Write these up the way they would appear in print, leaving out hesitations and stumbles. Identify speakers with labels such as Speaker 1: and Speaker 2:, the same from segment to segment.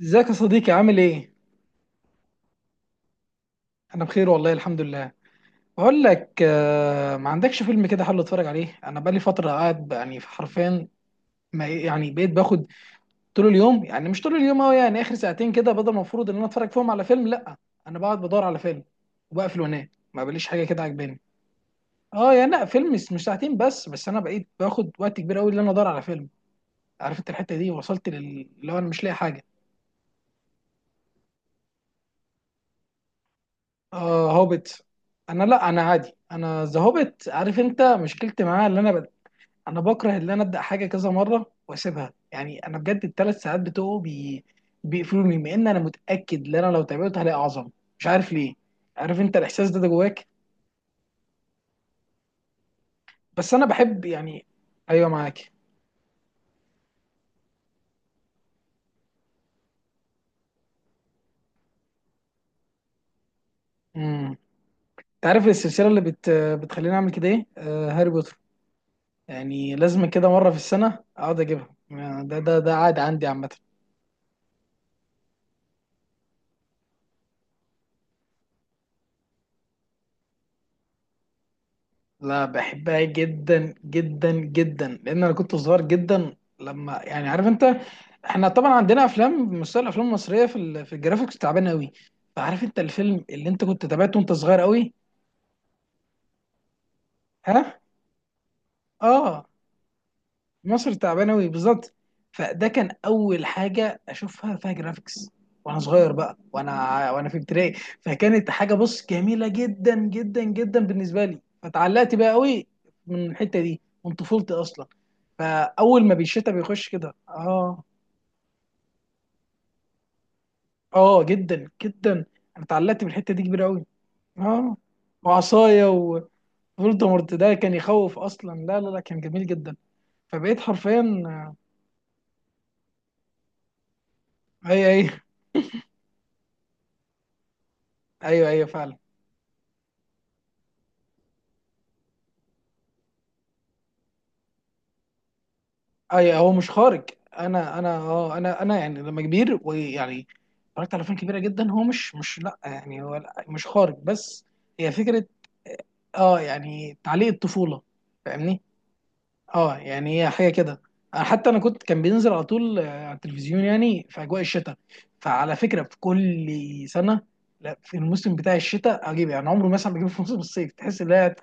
Speaker 1: ازيك يا صديقي، عامل ايه؟ انا بخير والله الحمد لله. بقول لك، ما عندكش فيلم كده حلو اتفرج عليه؟ انا بقالي فتره قاعد يعني حرفيا، ما يعني بقيت باخد طول اليوم، يعني مش طول اليوم قوي، يعني اخر ساعتين كده بدل ما المفروض ان انا اتفرج فيهم على فيلم. لا انا بقعد بدور على فيلم وبقفل وانام. ما بليش حاجه كده عجباني. اه يعني لا، فيلم مش ساعتين بس، انا بقيت باخد وقت كبير قوي ان ادور على فيلم. عارف انت الحته دي وصلت اللي هو انا مش لاقي حاجه. اه هوبت. انا لا، انا عادي، انا ذا هوبت. عارف انت مشكلتي معاه، اللي انا بكره ان انا ابدا حاجه كذا مره واسيبها. يعني انا بجد الثلاث ساعات بتوعه بيقفلوني مع ان انا متاكد ان انا لو تابعته هلاقي اعظم. مش عارف ليه. عارف انت الاحساس ده جواك. بس انا بحب يعني. ايوه، معاك. امم. انت عارف السلسله اللي بتخليني اعمل كده ايه؟ آه، هاري بوتر، يعني لازم كده مره في السنه اقعد اجيبها. ده عادي عندي عامه. لا، بحبها جدا جدا جدا لان انا كنت صغير جدا لما يعني، عارف انت، احنا طبعا عندنا افلام، مستوى الافلام المصريه في في الجرافيكس تعبان قوي. فعارف انت الفيلم اللي انت كنت تابعته وانت صغير قوي. ها. اه. مصر تعبانه قوي بالظبط. فده كان اول حاجه اشوفها فيها جرافيكس وانا صغير بقى، وانا في ابتدائي، فكانت حاجه، بص، جميله جدا جدا جدا بالنسبه لي، فتعلقت بقى قوي من الحته دي من طفولتي اصلا. فاول ما بالشتاء بيخش كده اه. اه جدا جدا. انا اتعلقت بالحته دي كبيره قوي. اه وعصايه. وفولدمورت ده كان يخوف اصلا، لا لا لا كان جميل جدا. فبقيت حرفيا. اي اي. ايوه ايوه فعلا. اي هو مش خارج. انا اه انا يعني لما كبير ويعني اتفرجت على افلام كبيره جدا هو مش لا، يعني هو لا مش خارج بس هي فكره. اه يعني، تعليق الطفوله، فاهمني. اه يعني هي حاجه كده. حتى انا كنت كان بينزل على طول، على التلفزيون، يعني في اجواء الشتاء. فعلى فكره في كل سنه، لا، في الموسم بتاع الشتاء اجيب يعني عمره مثلا بجيبه في موسم الصيف، تحس ان هي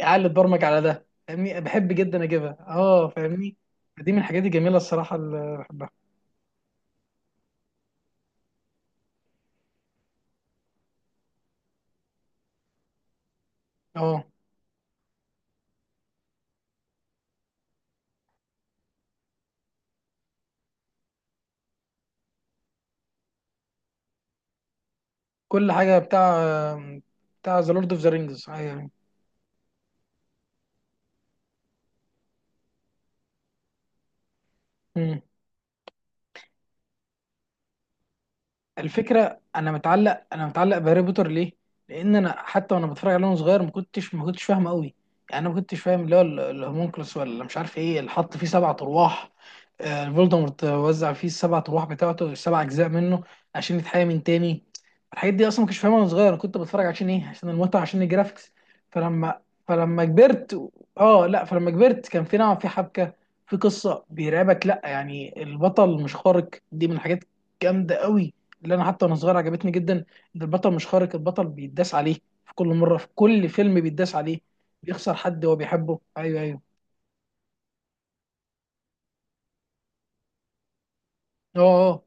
Speaker 1: قاعد برمج على ده. فاهمني، بحب جدا اجيبها، اه فاهمني. دي من الحاجات الجميله الصراحه اللي بحبها. اه كل حاجه بتاع، بتاع ذا لورد اوف ذا رينجز يعني. الفكره، انا متعلق، انا متعلق بهاري بوتر ليه؟ لان انا حتى وانا بتفرج عليه وانا صغير ما كنتش فاهم قوي، يعني انا ما كنتش فاهم، اللي هو الهومونكلوس ولا مش عارف ايه، اللي حط فيه سبع ارواح، فولدمورت وزع فيه السبع ارواح بتاعته، السبع اجزاء منه عشان يتحيى من تاني. الحاجات دي اصلا ما كنتش فاهمها وانا صغير، انا كنت بتفرج عشان ايه؟ عشان المتعه، عشان الجرافيكس. فلما فلما كبرت و- اه لا فلما كبرت كان في نوع، في حبكه، في قصه بيرعبك، لا يعني البطل مش خارق، دي من الحاجات جامده قوي، اللي انا حتى وانا صغير عجبتني جدا، ان البطل مش خارق، البطل بيتداس عليه في كل مره، في كل فيلم بيتداس عليه، بيخسر حد هو بيحبه. ايوه ايوه. اه اه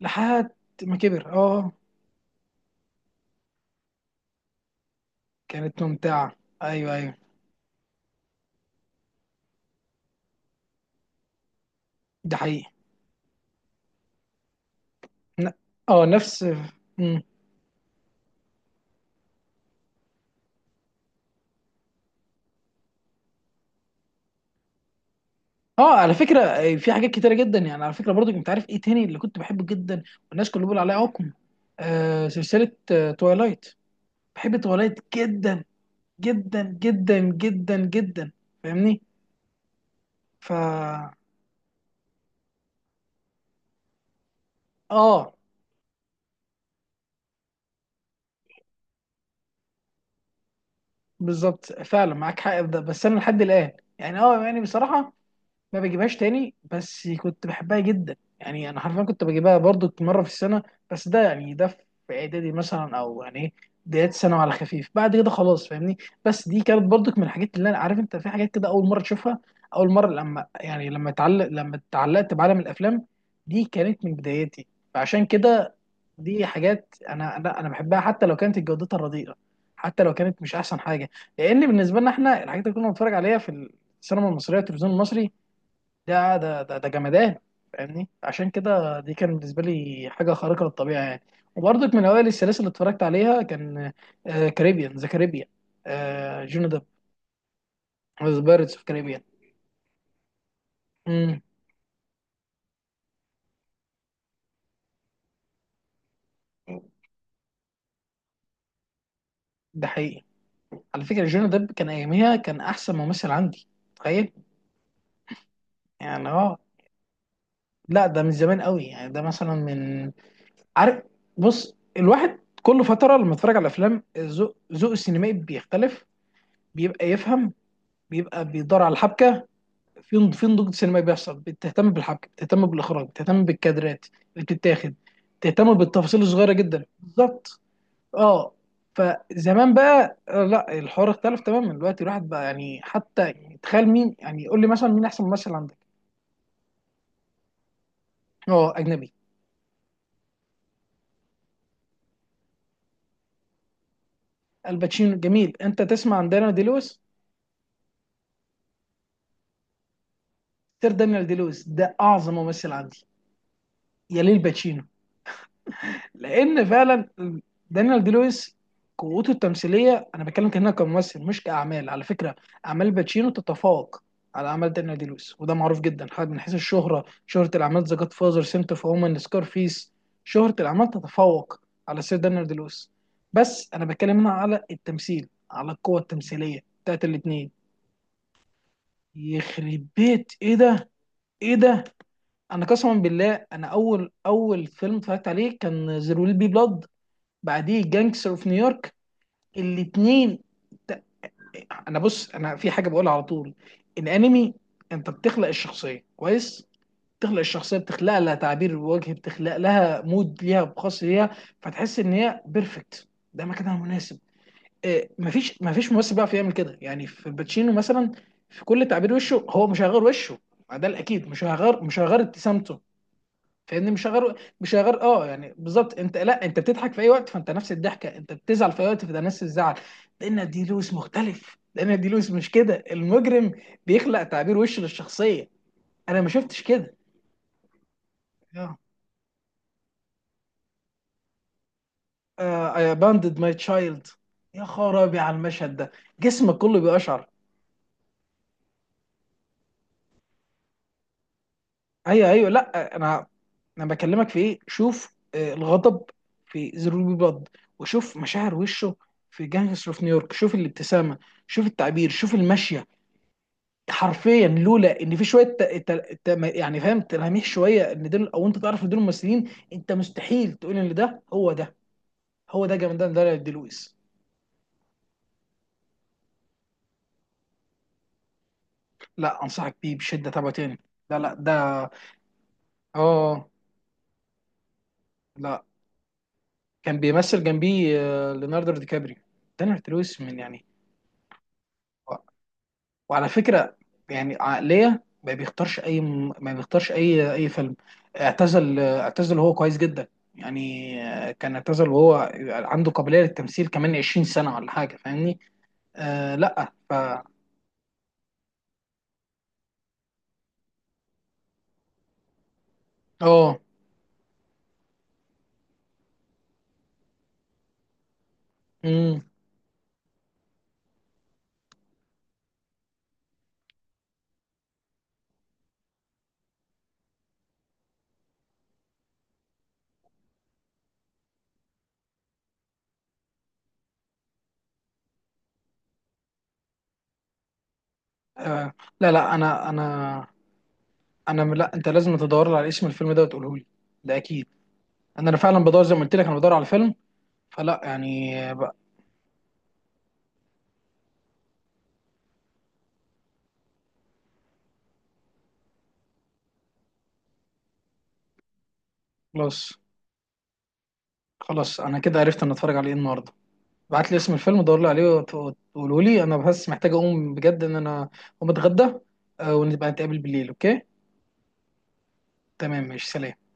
Speaker 1: لحد ما كبر، اه آه. كانت ممتعه. ايوه ايوه. ده حقيقي. ن- اه نفس. مم. اه على فكره، في حاجات كتيره جدا، يعني على فكره برضو كنت عارف ايه تاني اللي كنت بحبه جدا، والناس كلها بيقول عليه عقم، آه سلسله آه توايلايت. بحب توايلايت جدا جدا جدا جدا جدا فاهمني. ف اه. بالظبط، فعلا معاك حق في ده، بس انا لحد الان يعني، اه يعني بصراحه ما بجيبهاش تاني، بس كنت بحبها جدا، يعني انا حرفيا كنت بجيبها برضو مره في السنه، بس ده يعني ده في اعدادي مثلا او يعني ايه بدايات ثانوي، على خفيف بعد كده خلاص فاهمني. بس دي كانت برضو من الحاجات اللي انا، عارف انت، في حاجات كده اول مره تشوفها، اول مره لما يعني، لما اتعلقت بعالم الافلام دي كانت من بدايتي. فعشان كده دي حاجات انا، لا انا بحبها حتى لو كانت جودتها رديئه، حتى لو كانت مش احسن حاجه، لان بالنسبه لنا احنا الحاجات اللي كنا بنتفرج عليها في السينما المصريه والتلفزيون المصري ده جمدان. فاهمني، عشان كده دي كان بالنسبه لي حاجه خارقه للطبيعه يعني. وبرضك من اوائل السلاسل اللي اتفرجت عليها كان كاريبيان، ذا كاريبيان، جوني ديب، ذا بايرتس اوف كاريبيان. امم. ده حقيقي. على فكره جوني ديب كان اياميها كان احسن ممثل عندي، تخيل. يعني اه لا، ده من زمان قوي، يعني ده مثلا من، عارف، بص، الواحد كل فتره لما اتفرج على افلام ذوق، ذوق السينمائي بيختلف، بيبقى يفهم، بيبقى بيدور على الحبكه، في في نضوج سينمائي بيحصل، بتهتم بالحبكه، بتهتم بالاخراج، بتهتم بالكادرات اللي بتتاخد، بتهتم بالتفاصيل الصغيره جدا بالظبط. اه فزمان بقى، لا الحوار اختلف تماما دلوقتي. الواحد بقى يعني، حتى يعني، تخيل مين، يعني قول لي مثلا مين احسن ممثل عندك. اه اجنبي. الباتشينو جميل، انت تسمع عن دانيال دي لويس؟ سير دانيال دي لويس ده اعظم ممثل عندي، يليه الباتشينو. لان فعلا دانيال دي لويس قوته التمثيليه، انا بتكلم كانها كممثل مش كاعمال، على فكره اعمال باتشينو تتفوق على اعمال دانيال دي لويس، وده معروف جدا، حتى من حيث الشهره، شهره الاعمال، ذا جاد فازر، سنت اوف وومن، سكارفيس، شهره الاعمال تتفوق على سير دانيال دي لويس، بس انا بتكلم هنا على التمثيل، على القوه التمثيليه بتاعت الاثنين. يخرب بيت ايه ده. ايه ده. انا قسما بالله، انا اول، اول فيلم اتفرجت عليه كان زيرو ويل بي بلاد، بعديه جانجستر اوف نيويورك، الاثنين. انا بص، انا في حاجه بقولها على طول، الانمي، انت بتخلق الشخصيه كويس، بتخلق الشخصيه، بتخلق لها تعبير وجه، بتخلق لها مود ليها، خاص ليها، فتحس ان هي بيرفكت، ده مكانها مناسب. إيه، مفيش ممثل بيعرف يعمل كده، يعني في الباتشينو مثلا في كل تعبير وشه هو مش هيغير وشه، ما ده الاكيد مش هيغير ابتسامته فاهمني، مش هغير اه يعني بالظبط. انت لا، انت بتضحك في اي وقت فانت نفس الضحكه، انت بتزعل في اي وقت فده نفس الزعل. لان دي لويس مختلف، لان دي لويس مش كده المجرم، بيخلق تعبير وش للشخصيه، انا ما شفتش كده. يا اي abandoned ماي تشايلد. يا خرابي على المشهد ده، جسمك كله بيقشعر. ايوه ايوه، لا انا، انا بكلمك في ايه، شوف الغضب في زيرو بي بلاد، وشوف مشاعر وشه في جانجستر اوف نيويورك، شوف الابتسامه، شوف التعبير، شوف المشيه. حرفيا لولا ان في شويه ت... يعني فاهم تلاميح شويه ان دول، او انت تعرف ان دول الممثلين، انت مستحيل تقول ان ده هو ده. هو ده جامدان ده، دي لويس. لا انصحك بيه بشده، تابعه تاني. لا لا ده. اه لا كان بيمثل جنبيه، ليوناردو دي كابريو. دانيال دي لويس من يعني، وعلى فكره، يعني عقليه ما بيختارش اي اي فيلم، اعتزل وهو كويس جدا، يعني كان اعتزل وهو عنده قابليه للتمثيل كمان 20 سنه ولا حاجه فاهمني. آه لا ف اه. امم. آه لا لا. لا انت لازم تدور لي على اسم الفيلم ده وتقوله لي، ده اكيد. انا فعلا بدور زي ما قلت لك انا بدور على الفيلم، فلا يعني بقى. خلاص، خلاص انا كده عرفت ان اتفرج على ايه النهارده. ابعت لي اسم الفيلم، دور لي عليه وتقولوا لي، انا بس محتاج اقوم بجد ان انا اقوم اتغدى، ونبقى نتقابل بالليل. اوكي. تمام ماشي سلام.